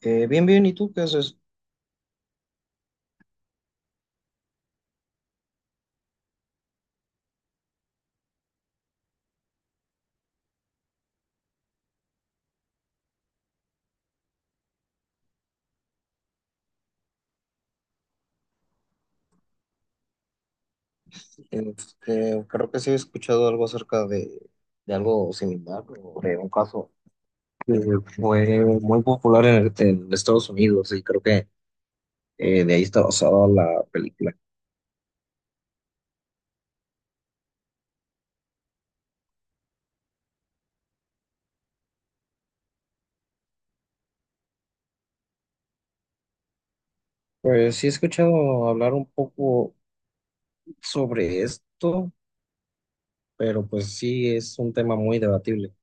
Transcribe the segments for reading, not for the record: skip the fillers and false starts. Bien, bien, ¿y tú qué haces? Este, creo que sí he escuchado algo acerca de algo similar, o de un caso que fue muy popular en Estados Unidos y creo que de ahí está basada la película. Pues sí he escuchado hablar un poco sobre esto, pero pues sí es un tema muy debatible.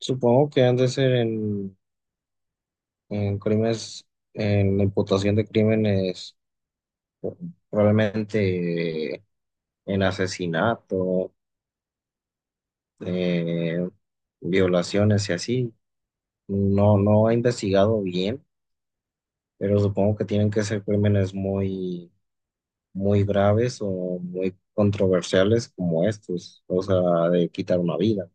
Supongo que han de ser en crímenes, en la imputación de crímenes, probablemente en asesinato, eh, violaciones y así. No, no he investigado bien, pero supongo que tienen que ser crímenes muy, muy graves o muy controversiales como estos, o sea, de quitar una vida.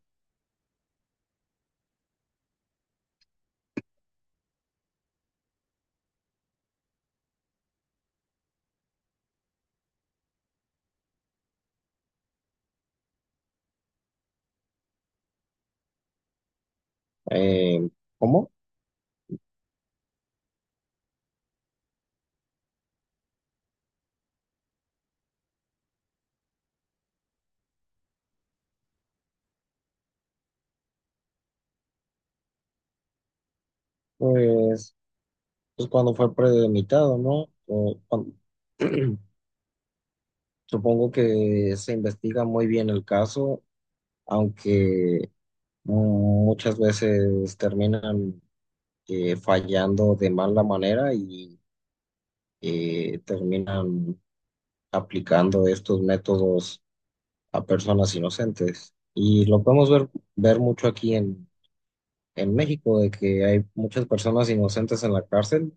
Eh, ¿Cómo? Pues, pues cuando fue premeditado, ¿no? O cuando- supongo que se investiga muy bien el caso, aunque muchas veces terminan fallando de mala manera y terminan aplicando estos métodos a personas inocentes. Y lo podemos ver, ver mucho aquí en México, de que hay muchas personas inocentes en la cárcel,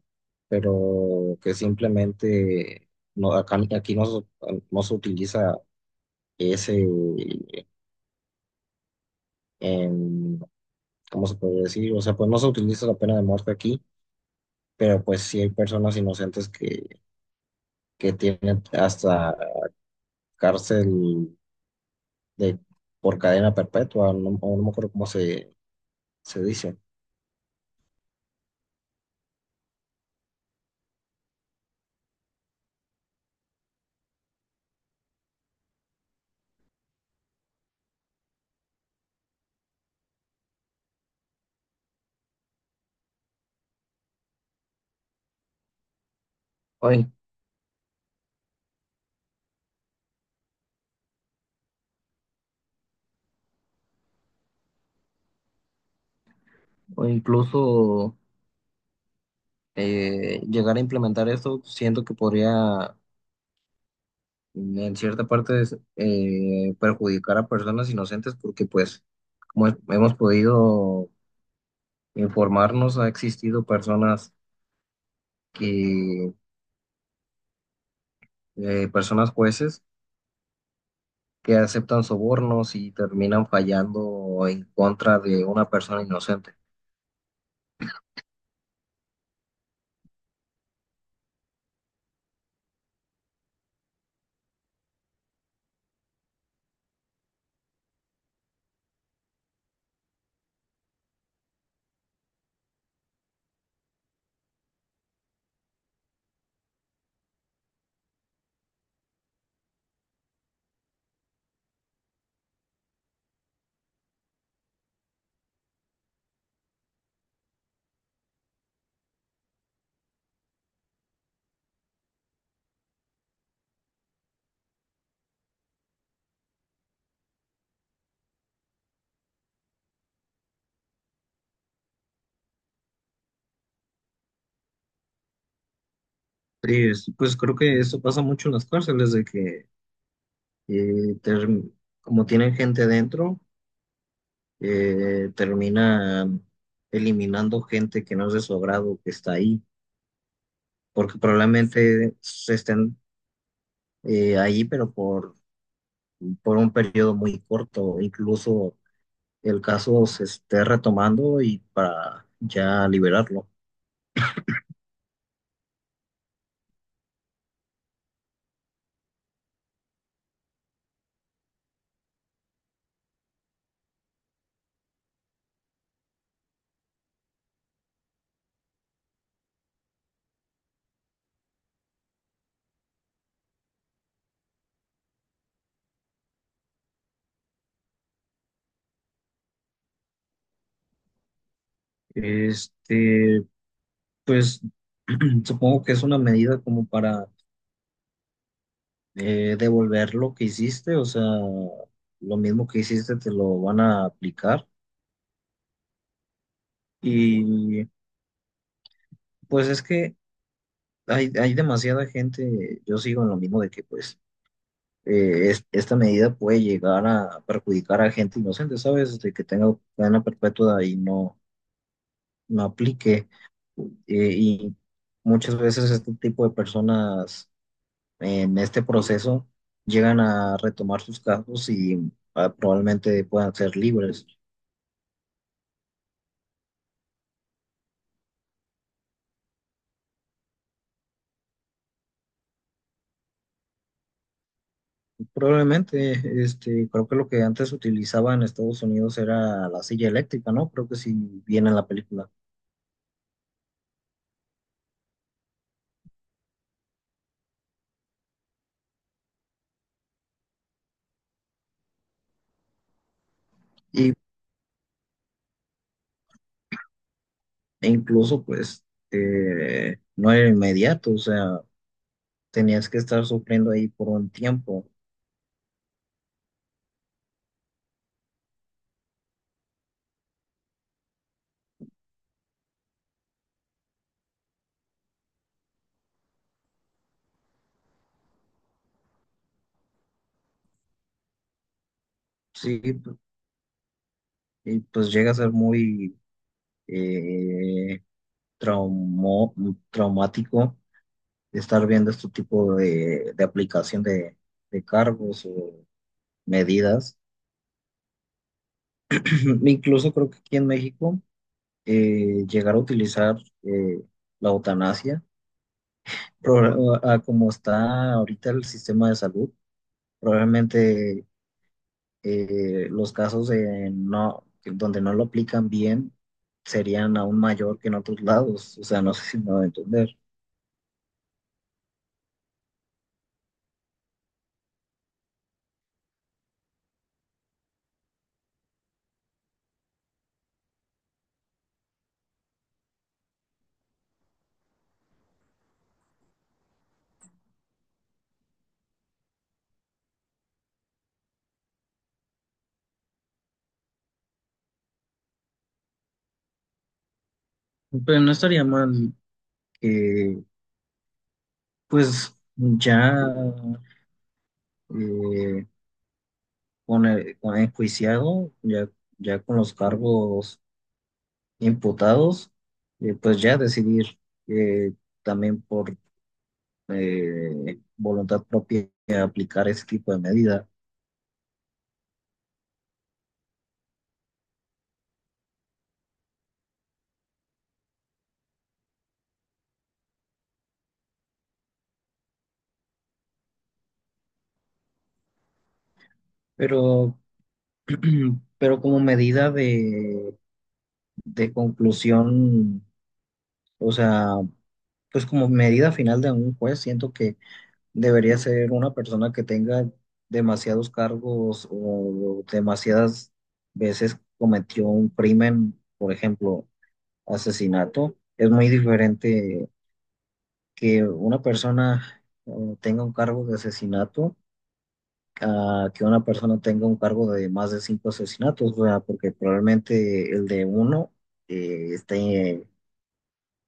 pero que simplemente no, aquí no, no se utiliza ese, em, ¿cómo se puede decir? O sea, pues no se utiliza la pena de muerte aquí. Pero pues sí hay personas inocentes que tienen hasta cárcel de, por cadena perpetua, no, o no me acuerdo cómo se, se dice. O, in- o incluso llegar a implementar esto, siento que podría en cierta parte perjudicar a personas inocentes porque pues como hemos podido informarnos, ha existido personas que, personas jueces que aceptan sobornos y terminan fallando en contra de una persona inocente. Sí, pues creo que eso pasa mucho en las cárceles, de que eh, term- como tienen gente adentro, terminan eliminando gente que no es de su agrado, que está ahí, porque probablemente se estén ahí, pero por un periodo muy corto, incluso el caso se esté retomando y para ya liberarlo. Este, pues supongo que es una medida como para devolver lo que hiciste, o sea, lo mismo que hiciste te lo van a aplicar. Y pues es que hay demasiada gente, yo sigo en lo mismo de que pues esta medida puede llegar a perjudicar a gente inocente, ¿sabes? De que tenga cadena perpetua y no, no aplique. Y muchas veces este tipo de personas en este proceso llegan a retomar sus casos y probablemente puedan ser libres. Probablemente, este, creo que lo que antes utilizaba en Estados Unidos era la silla eléctrica, ¿no? Creo que sí viene en la película. Y, e incluso, pues, no era inmediato, o sea, tenías que estar sufriendo ahí por un tiempo. Sí, y pues llega a ser muy eh, traumo- traumático estar viendo este tipo de aplicación de cargos o medidas. Incluso creo que aquí en México llegar a utilizar eh, la eutanasia, a como está ahorita el sistema de salud, probablemente los casos de no, donde no lo aplican bien serían aún mayor que en otros lados, o sea, no sé si me va a entender. Pero no estaría mal que, pues, ya eh, con con enjuiciado, ya, ya con los cargos imputados, pues ya decidir eh, también por voluntad propia aplicar ese tipo de medida. Pero, pero como medida de conclusión, o sea, pues como medida final de un juez, siento que debería ser una persona que tenga demasiados cargos o demasiadas veces cometió un crimen, por ejemplo, asesinato. Es muy diferente que una persona tenga un cargo de asesinato a que una persona tenga un cargo de más de cinco asesinatos, o sea, porque probablemente el de uno esté,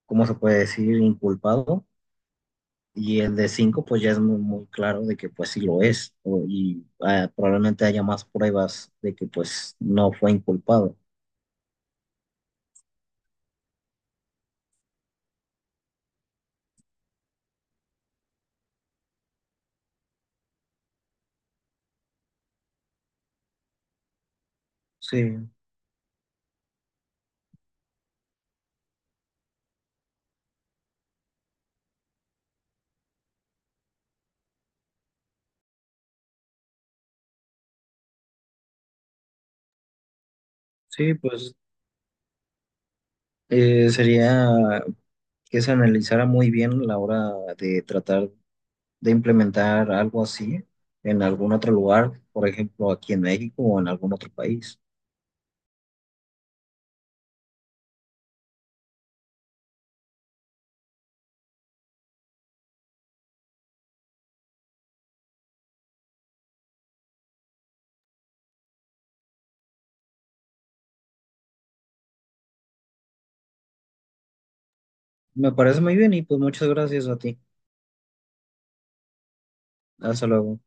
¿cómo se puede decir?, inculpado, y el de cinco, pues ya es muy, muy claro de que pues sí lo es, y probablemente haya más pruebas de que pues no fue inculpado. Sí, sí, pues sería que se analizara muy bien a la hora de tratar de implementar algo así en algún otro lugar, por ejemplo, aquí en México o en algún otro país. Me parece muy bien y pues muchas gracias a ti. Hasta luego.